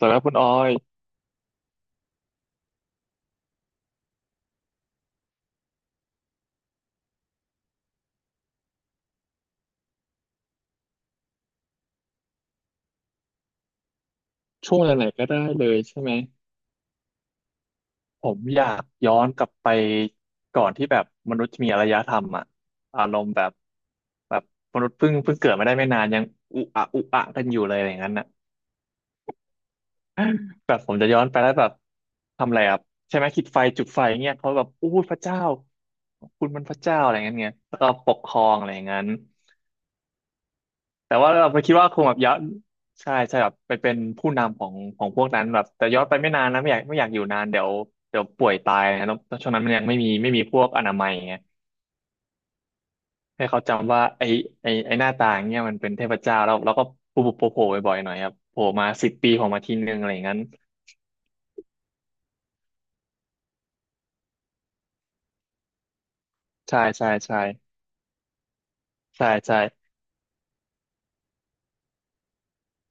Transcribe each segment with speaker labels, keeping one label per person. Speaker 1: สำหรับคุณออยช่วงไหนๆก็ได้เลยใช่ไหมผมอยากย้อนกลับไปก่อนที่แบบมนุษย์มีอารยธรรมอะอารมณ์แบบแบบมนุษย์เพิ่งเกิดมาได้ไม่นานยังอุอะอุอะกันอยู่เลยอะไรอย่างนั้นน่ะแบบผมจะย้อนไปแล้วแบบทำอะไรอ่ะใช่ไหมคิดไฟจุดไฟเงี้ยเขาแบบอู้พระเจ้าคุณมันพระเจ้าอะไรอย่างเงี้ยแล้วก็ปกครองอะไรอย่างนั้น แต่ว่าเราไปคิดว่าคงแบบยะใช่ใช่แบบไปเป็นผู้นำของของพวกนั้นแบบแต่ย้อนไปไม่นานนะไม่อยากอยู่นานเดี๋ยวเดี๋ยวป่วยตายนะแล้วช่วงนั้นมันยังไม่มีพวกอนามัยไงให้เขาจำว่าไอหน้าตาอย่างเงี้ยมันเป็นเทพเจ้าแล้วก็โผล่บ่อยๆหน่อยครับโผล่มาสิบปีโผล่มาทีนึงอะไรอย่างนั้นใช่ใช่ใช่ใช่ใช่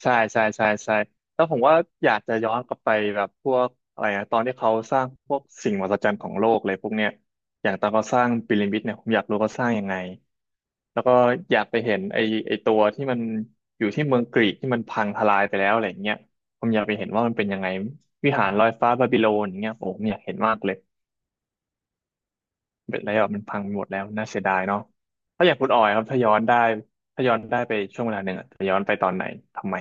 Speaker 1: ใช่ใช่ใช่ใช่แล้วผมว่าอยากจะย้อนกลับไปแบบพวกอะไรนะตอนที่เขาสร้างพวกสิ่งมหัศจรรย์ของโลกเลยพวกเนี้ยอย่างตอนเขาสร้างพีระมิดเนี่ยผมอยากรู้เขาสร้างยังไงแล้วก็อยากไปเห็นไอ้ตัวที่มันอยู่ที่เมืองกรีกที่มันพังทลายไปแล้วอะไรอย่างเงี้ยผมอยากไปเห็นว่ามันเป็นยังไงวิหารลอยฟ้าบาบิโลนอย่างเงี้ยโอ้ผมอยากเห็นมากเลยเป็นอะไรแบบมันพังไปหมดแล้วน่าเสียดายเนาะถ้าอยากคุณออยครับถ้าย้อนได้ไปช่วงเวลาหนึ่งอะจะย้อนไปตอนไหนทำไม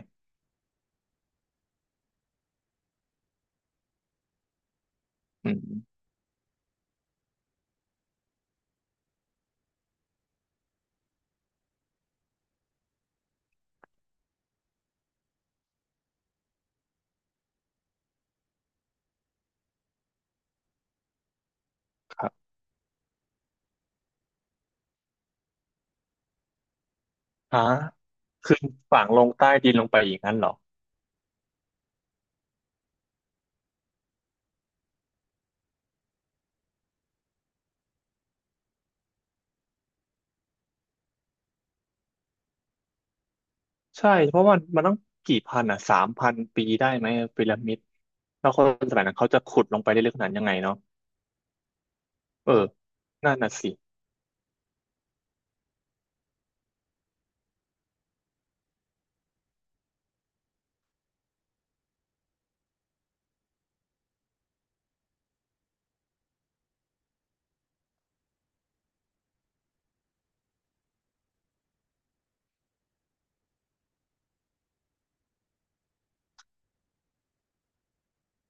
Speaker 1: อืมครับฮะ คือฝังลงใต้ดินลงไปอย่างนั้นเหรอใช่เพราะมันต้องกี่พันอ่ะสามพันปีได้ไหมพีระมิดแล้วคนสมัยนั้นเขาจะขุดลงไปได้ลึกขนาดยังไงเนาะเออนั่นน่ะสิ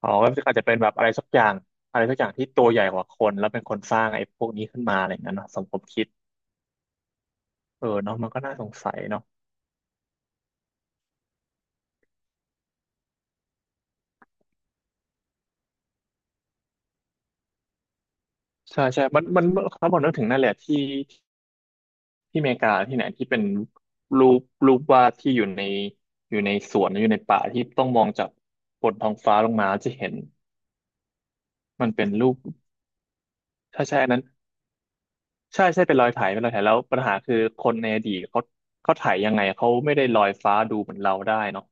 Speaker 1: อ๋อก็อาจจะเป็นแบบอะไรสักอย่างอะไรสักอย่างที่ตัวใหญ่กว่าคนแล้วเป็นคนสร้างไอ้พวกนี้ขึ้นมาอะไรอย่างนั้นเนอะสมคมคิดเออเนาะมันก็น่าสงสัยเนาะใช่ใช่มันถ้าบอกนึกถึงนั่นแหละที่ ที่อเมริกาที่ไหนที่เป็นรูปรูปวาดที่อยู่ในสวนอยู่ในป่าที่ต้องมองจากบนท้องฟ้าลงมาจะเห็นมันเป็นรูปใช่ใช่อันนั้นใช่ใช่เป็นรอยไถแล้วปัญหาคือคนในอดีตเขาไถยังไงเขาไม่ได้ลอยฟ้าดูเหมือนเราได้เนาะ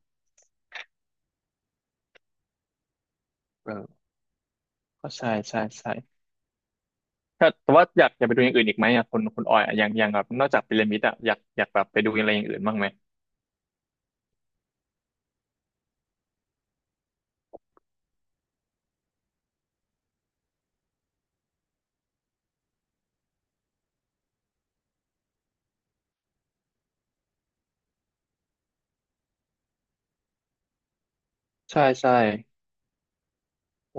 Speaker 1: เออก็ใช่ใช่ใช่ถ้าแต่ว่าอยากไปดูอย่างอื่นอีกไหมอ่ะคนออยอ่ะอย่างแบบนอกจากพีระมิดอ่ะอยากแบบไปดูอะไรอย่างอื่นบ้างไหมใช่ใช่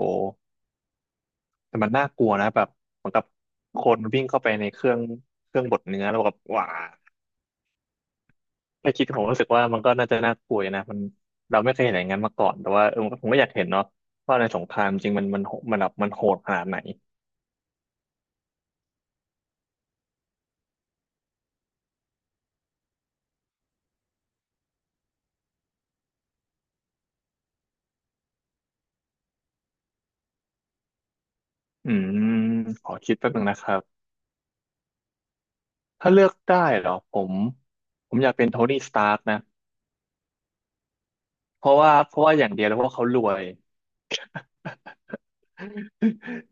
Speaker 1: โอ้ แต่มันน่ากลัวนะแบบเหมือนกับคนวิ่งเข้าไปในเครื่องบดเนื้อแล้วแบบว้าแค่คิดผมรู้สึกว่ามันก็น่าจะน่ากลัวอยู่นะมันเราไม่เคยเห็นอย่างนั้นมาก่อนแต่ว่าเออผมก็อยากเห็นเนาะว่าในสงครามจริงมันแบบมันโหดขนาดไหนอืมขอคิดแป๊บนึงนะครับถ้าเลือกได้เหรอผมผมอยากเป็นโทนี่สตาร์กนะเพราะว่าอย่างเดียวแล้วเพราะว่าเขารวย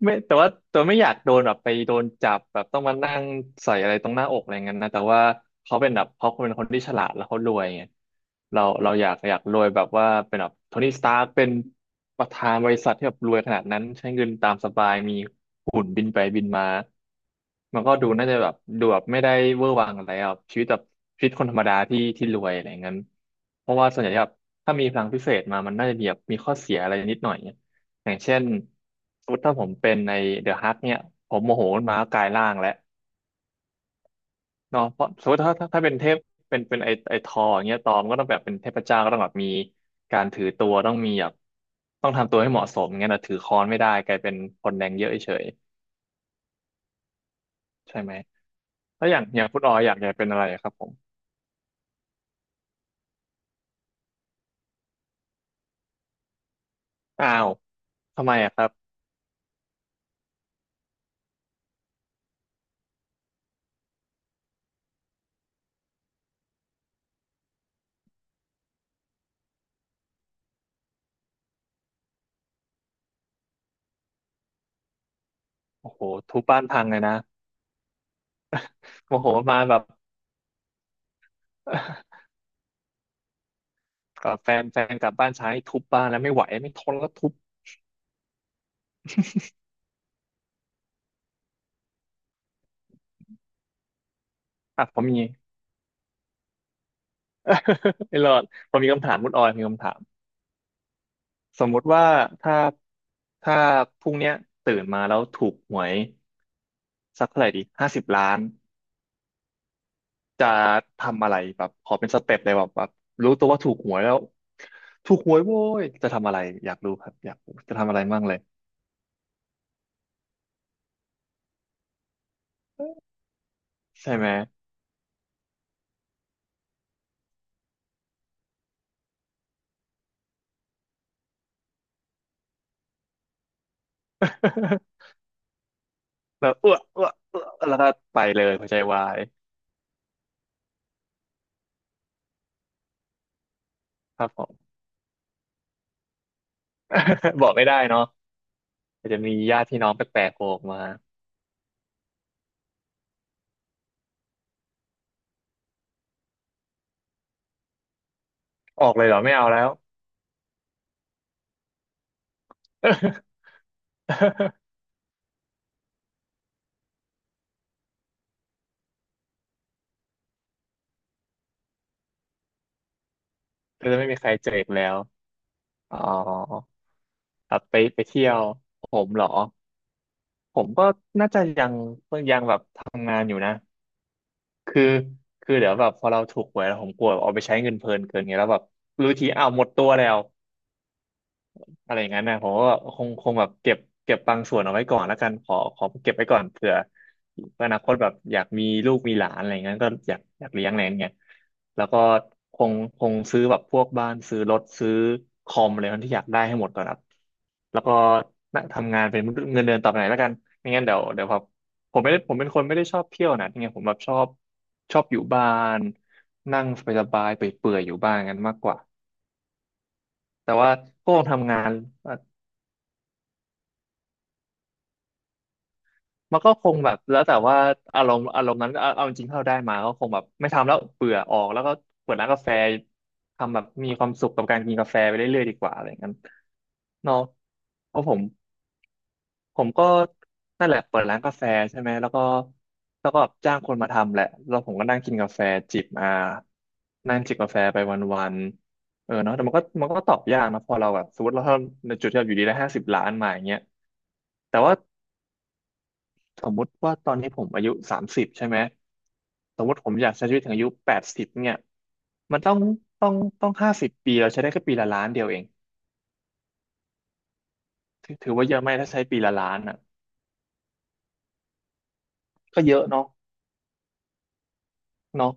Speaker 1: ไม่แต่ว่าตัวไม่อยากโดนแบบไปโดนจับแบบต้องมานั่งใส่อะไรตรงหน้าอกอะไรเงี้ยนะแต่ว่าเขาเป็นแบบเขาเป็นคนที่ฉลาดแล้วเขารวยไงเราอยากรวยแบบว่าเป็นแบบโทนี่สตาร์คเป็นประธานบริษัทที่แบบรวยขนาดนั้นใช้เงินตามสบายมีหุ่นบินไปบินมามันก็ดูน่าจะแบบดูแบบไม่ได้เวอร์วังอะไรอ่ะชีวิตแบบชีวิตคนธรรมดาที่ที่รวยอะไรเงี้ยเพราะว่าส่วนใหญ่แบบถ้ามีพลังพิเศษมามันน่าจะมีแบบมีข้อเสียอะไรนิดหน่อย อย่างเช่นสมมติถ้าผมเป็นในเดอะฮักเนี่ยผมโมโหมันมากกลายร่างแล้วเนาะเพราะสมมติถ้าเป็นเทพเป็นไอทออย่างเงี้ยตอมก็ต้องแบบเป็นเทพเจ้าก็ต้องแบบมีการถือตัวต้องมีแบบต้องทำตัวให้เหมาะสมงั้นนะถือค้อนไม่ได้กลายเป็นคนแดงเยอะเฉยใช่ไหมแล้วอย่างคุณออยอยากเป็นอะไรครับผมอ้าวทำไมอะครับโอ้โหทุบบ้านพังเลยนะโมโหนมาแบบ กับแฟนกลับบ้านช้าให้ทุบบ้านแล้วไม่ไหวไม่ทนแล้วทุบอ่ะผมมี ไม่รอดผมมีคำถามคุณออยมีคำถามสมมุติว่าถ้าถ้าพรุ่งเนี้ยตื่นมาแล้วถูกหวยสักเท่าไหร่ดีห้าสิบล้านจะทำอะไรแบบขอเป็นสเต็ปเลยแบบรู้ตัวว่าถูกหวยแล้วถูกหวยโว้ยจะทำอะไรอยากรู้ครับอยากรู้จะทำอะไรบ้างเลยใช่ไหม แบอ้วกอ้วกอ้วกแล้วก็ไปเลยหัวใจวายครับผม บอกไม่ได้เนาะอาจจะมีญาติพี่น้องแปลกๆโผล่ออกมาออกเลยเหรอไม่เอาแล้ว ก็จะไม่มีใครเจออีกแล้วอ๋อครับไปเที่ยวผมเหรอ ผมก็น่าจะยังแบบทำงานอยู่นะ คือคือเดี๋ยวแบบพอเราถูกหวยแล้วผมกลัวเอาไปใช้เงินเพลินเกินไงแล้วแบบรู้ทีอ้าวหมดตัวแล้ว อะไรอย่างนั้นนะผมก็คงแบบเก็บเก็บบางส่วนเอาไว้ก่อนแล้วกันขอเก็บไว้ก่อนเผื่ออนาคตแบบอยากมีลูกมีหลานอะไรอย่างนั้นก็อยากอยากเลี้ยงอะไรอย่างเงี้ยแล้วก็คงคงซื้อแบบพวกบ้านซื้อรถซื้อคอมอะไรที่อยากได้ให้หมดก่อนครับแล้วก็น่ะทำงานเป็นเงินเดือนต่อไปไหนแล้วกันไม่งั้นเดี๋ยวแบบผมไม่ได้ผมเป็นคนไม่ได้ชอบเที่ยวนะที่ไงผมแบบชอบชอบอยู่บ้านนั่งสบายๆเปื่อยๆอยู่บ้านกันมากกว่าแต่ว่าก็คงทำงาน มันก็คงแบบแล้วแต่ว่าอารมณ์นั้นเอาจริงๆถ้าเราได้มาก็คงแบบไม่ทำแล้วเบื่อออกแล้วก็เปิดร้านกาแฟทำแบบมีความสุขกับการกินกาแฟไปเรื่อยๆดีกว่าอะไรอย่างนั้นเนาะเพราะผมผมก็นั่นแหละเปิดร้านกาแฟใช่ไหมแล้วก็แล้วก็จ้างคนมาทำแหละแล้วผมก็นั่งกินกาแฟจิบอ่านั่งจิบกาแฟไปวันๆเออเนาะแต่มันก็ตอบยากนะพอเราแบบสมมติเราถ้าในจุดที่เราอยู่ดีได้ห้าสิบล้านมาอย่างเงี้ยแต่ว่า สมมุติว่าตอนนี้ผมอายุ30ใช่ไหมสมมติผมอยากใช้ชีวิตถึงอายุ80เนี่ยมันต้องต้องต้อง50 ปีเราใช้ได้แค่ปีละล้านเดียวเองถือถือว่าเยอะไหมถ้าใช้ปีละล้านอ่ะก็เยอะเนาะเนาะ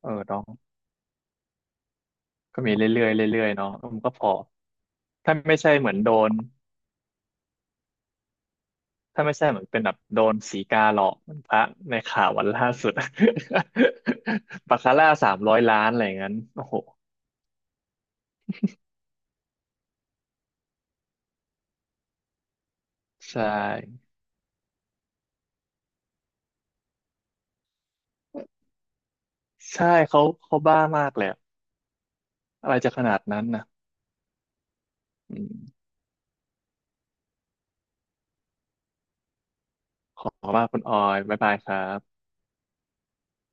Speaker 1: เออเน้องก็มีเรื่อยๆเรื่อยๆเนาะมันก็พอถ้าไม่ใช่เหมือนโดนถ้าไม่ใช่เหมือนเป็นแบบโดนสีกาหลอกเหมือนพระในข่าววันล่าสุด บาคาร่า300 ล้านอะไรอย่างนั้นโอ้โหใช่ใช่เขาบ้ามากเลย อะไรจะขนาดนั้นนะอืมขอว่าคุณออยบ๊ายบายครับ